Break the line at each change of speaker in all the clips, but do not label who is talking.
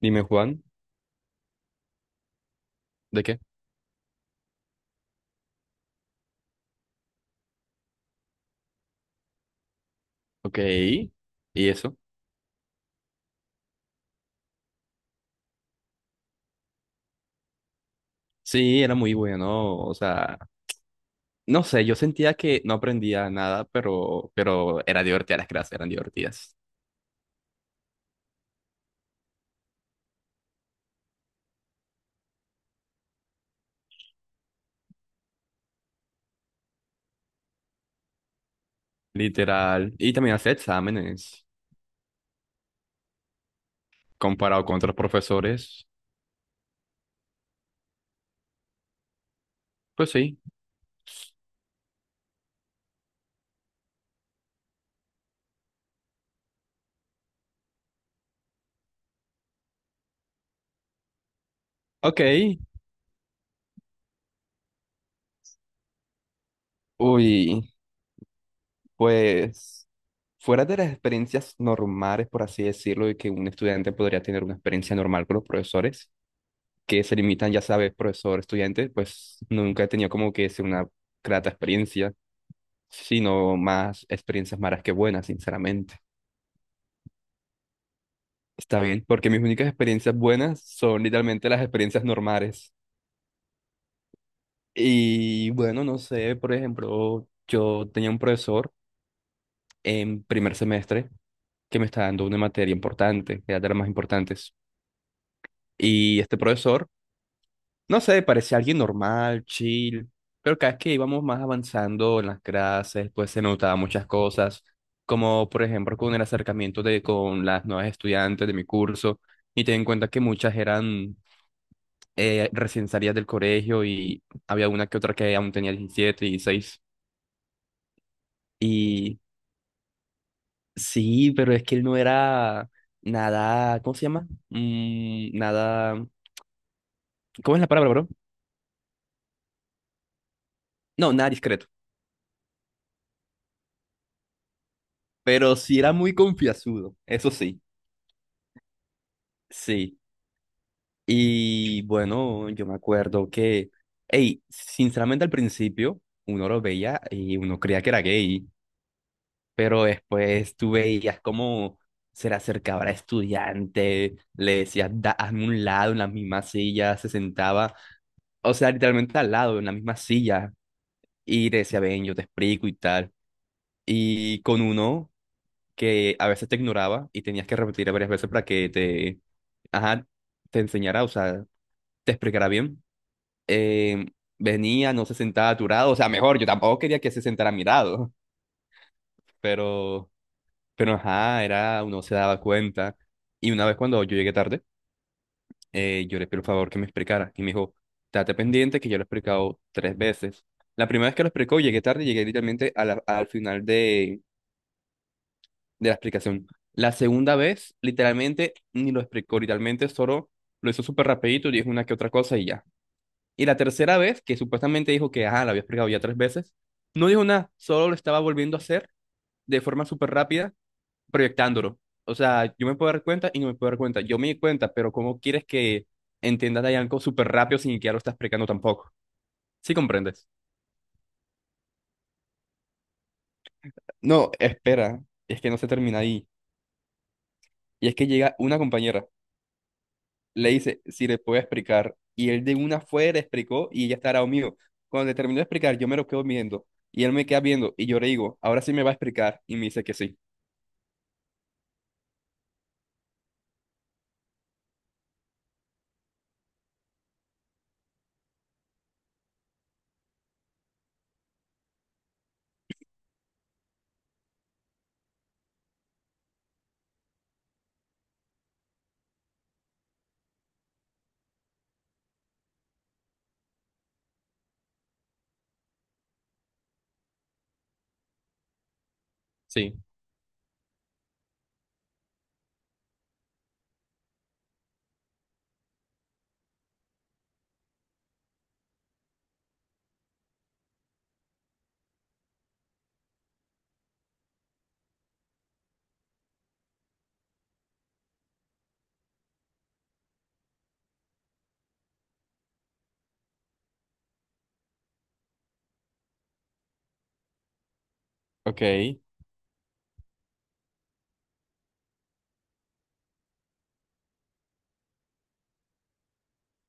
Dime, Juan. ¿De qué? Ok. ¿Y eso? Sí, era muy bueno, o sea, no sé, yo sentía que no aprendía nada, pero era divertida, las clases eran divertidas. Literal, y también hacía exámenes, comparado con otros profesores, pues sí. Ok. Uy, pues fuera de las experiencias normales, por así decirlo, y que un estudiante podría tener una experiencia normal con los profesores, que se limitan, ya sabes, profesor, estudiante, pues nunca he tenido como que es una grata experiencia, sino más experiencias malas que buenas, sinceramente. Está bien, porque mis únicas experiencias buenas son literalmente las experiencias normales. Y bueno, no sé, por ejemplo, yo tenía un profesor en primer semestre que me estaba dando una materia importante, era de las más importantes. Y este profesor no sé, parecía alguien normal, chill, pero cada vez que íbamos más avanzando en las clases, pues se notaban muchas cosas, como por ejemplo con el acercamiento de con las nuevas estudiantes de mi curso, y ten en cuenta que muchas eran recién salidas del colegio y había una que otra que aún tenía 17, 16. Y sí, pero es que él no era nada, ¿cómo se llama? Nada, ¿cómo es la palabra, bro? No, nada discreto, pero sí era muy confianzudo, eso sí. Sí. Y bueno, yo me acuerdo que, hey, sinceramente al principio uno lo veía y uno creía que era gay, pero después tú veías cómo se le acercaba a estudiante, le decías, "Da- hazme un lado en la misma silla", se sentaba, o sea, literalmente al lado, en la misma silla, y le decía, ven, yo te explico y tal. Y con uno que a veces te ignoraba y tenías que repetir varias veces para que te, ajá, te enseñara, o sea, te explicara bien. eh, Venía, no se sentaba a tu lado, o sea, mejor, yo tampoco quería que se sentara a mi lado, pero, pero ajá, era, uno se daba cuenta. Y una vez cuando yo llegué tarde, yo le pedí el favor que me explicara, y me dijo, date pendiente que yo lo he explicado tres veces. La primera vez que lo explicó, llegué tarde, llegué literalmente a la- al final de la explicación. La segunda vez, literalmente, ni lo explicó, literalmente solo lo hizo súper rapidito, dijo una que otra cosa y ya. Y la tercera vez, que supuestamente dijo que, ah, la había explicado ya tres veces, no dijo nada, solo lo estaba volviendo a hacer de forma súper rápida, proyectándolo. O sea, yo me puedo dar cuenta y no me puedo dar cuenta. Yo me di cuenta, pero ¿cómo quieres que entiendas ahí algo súper rápido sin que ya lo estás explicando tampoco? ¿Sí comprendes? No, espera, es que no se termina ahí. Y es que llega una compañera le dice si le puede explicar. Y él de una fue, le explicó y ella estará mío. Cuando le terminó de explicar, yo me lo quedo viendo y él me queda viendo y yo le digo, ahora sí me va a explicar y me dice que sí. Sí, ok,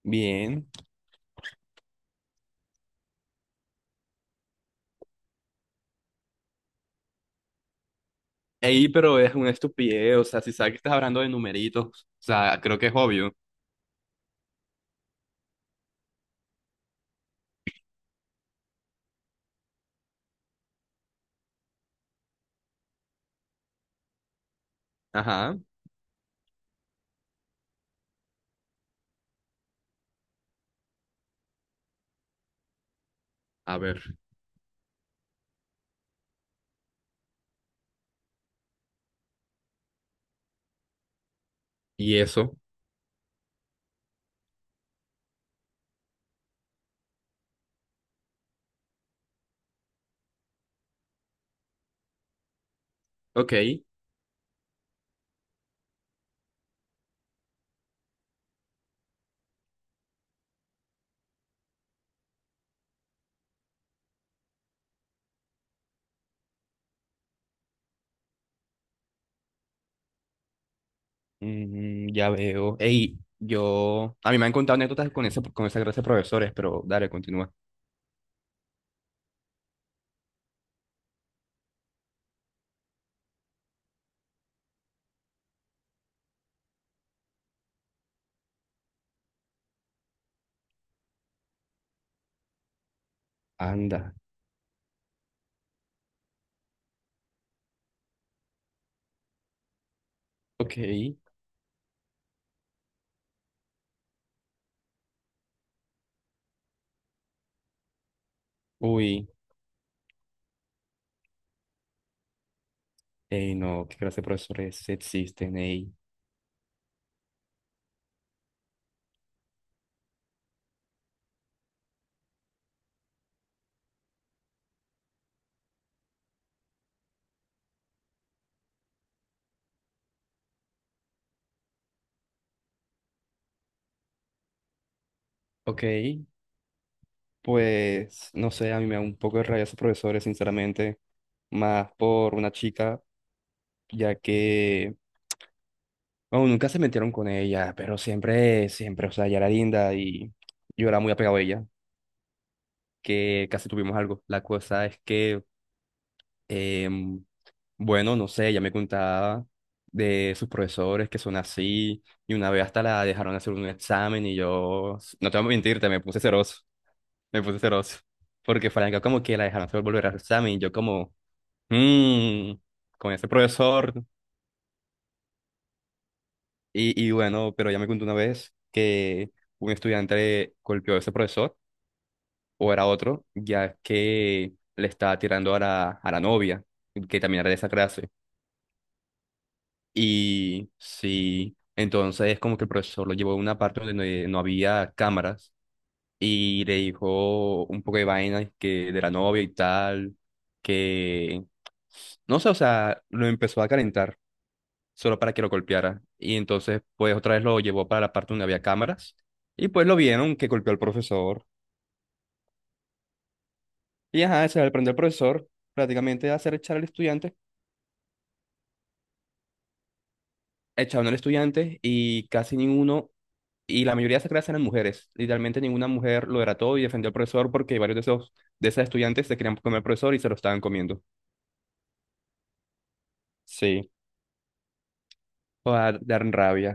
bien. Ey, pero es una estupidez, o sea, si sabes que estás hablando de numeritos, o sea, creo que es obvio. Ajá, a ver, y eso, ok. Mm, ya veo. Ey, yo, a mí me han contado anécdotas con ese, con esa clase de profesores, pero dale, continúa. Anda, ok, uy. Ey, no, qué clase de profesores existen, ey. Ok, pues no sé, a mí me da un poco de rabia esos profesores, sinceramente, más por una chica, ya que, bueno, nunca se metieron con ella, pero siempre, siempre, o sea, ella era linda y yo era muy apegado a ella, que casi tuvimos algo. La cosa es que, em, bueno, no sé, ella me contaba de sus profesores que son así, y una vez hasta la dejaron hacer un examen y yo, no te voy a mentirte, me puse celoso. Me puse celoso. Porque Franca como que la dejaron solo volver a su examen y yo como, mmm, con ese profesor. Y bueno, pero ya me contó una vez que un estudiante golpeó a ese profesor, o era otro, ya que le estaba tirando a la novia, que también era de esa clase. Y sí, entonces como que el profesor lo llevó a una parte donde no había cámaras y le dijo un poco de vainas que de la novia y tal, que no sé, o sea, lo empezó a calentar solo para que lo golpeara. Y entonces, pues otra vez lo llevó para la parte donde había cámaras y pues lo vieron que golpeó al profesor. Y ajá, se le prendió al profesor prácticamente a hacer echar al estudiante, echaron al estudiante y casi ninguno, y la mayoría de esas clases eran mujeres. Literalmente ninguna mujer lo era todo y defendió al profesor porque varios de esos, de esas estudiantes se querían comer al profesor y se lo estaban comiendo. Sí. O dar, dar rabia.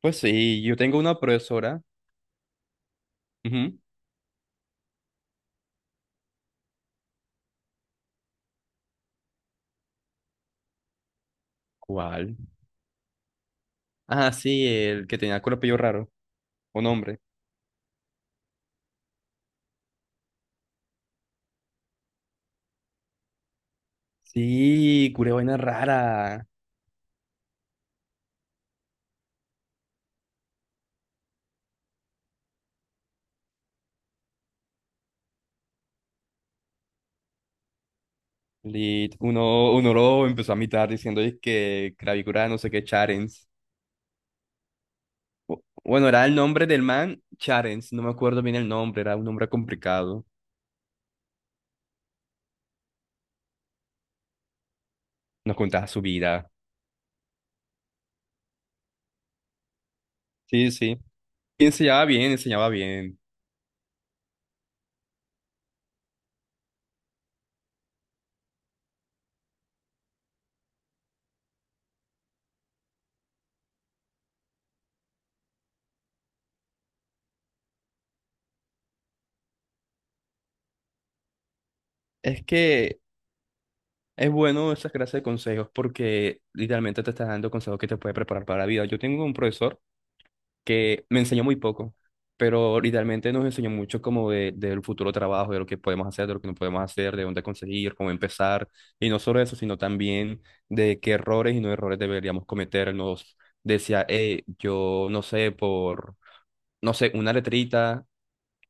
Pues sí, yo tengo una profesora. Ujú. ¿Cuál? Ah, sí, el que tenía cuerpillo raro. Un hombre. Sí, curé vaina rara. Lit. Uno, uno lo empezó a imitar diciendo es que cravicura no sé qué Charens. Bu- Bueno, era el nombre del man Charens. No me acuerdo bien el nombre, era un nombre complicado. Nos contaba su vida. Sí, sí. Y enseñaba bien, enseñaba bien. Es que es bueno esa clase de consejos porque literalmente te estás dando consejos que te puede preparar para la vida. Yo tengo un profesor que me enseñó muy poco, pero literalmente nos enseñó mucho como de, del futuro trabajo, de lo que podemos hacer, de lo que no podemos hacer, de dónde conseguir, cómo empezar. Y no solo eso, sino también de qué errores y no errores deberíamos cometer. Nos decía, yo no sé, por, no sé, una letrita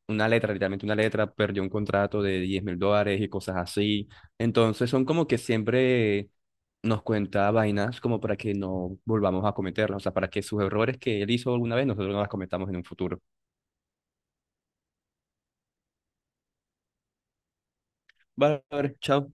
una letra, literalmente una letra, perdió un contrato de $10,000 y cosas así. Entonces son como que siempre nos cuenta vainas como para que no volvamos a cometerlas, o sea, para que sus errores que él hizo alguna vez nosotros no las cometamos en un futuro. Vale, vale, chao.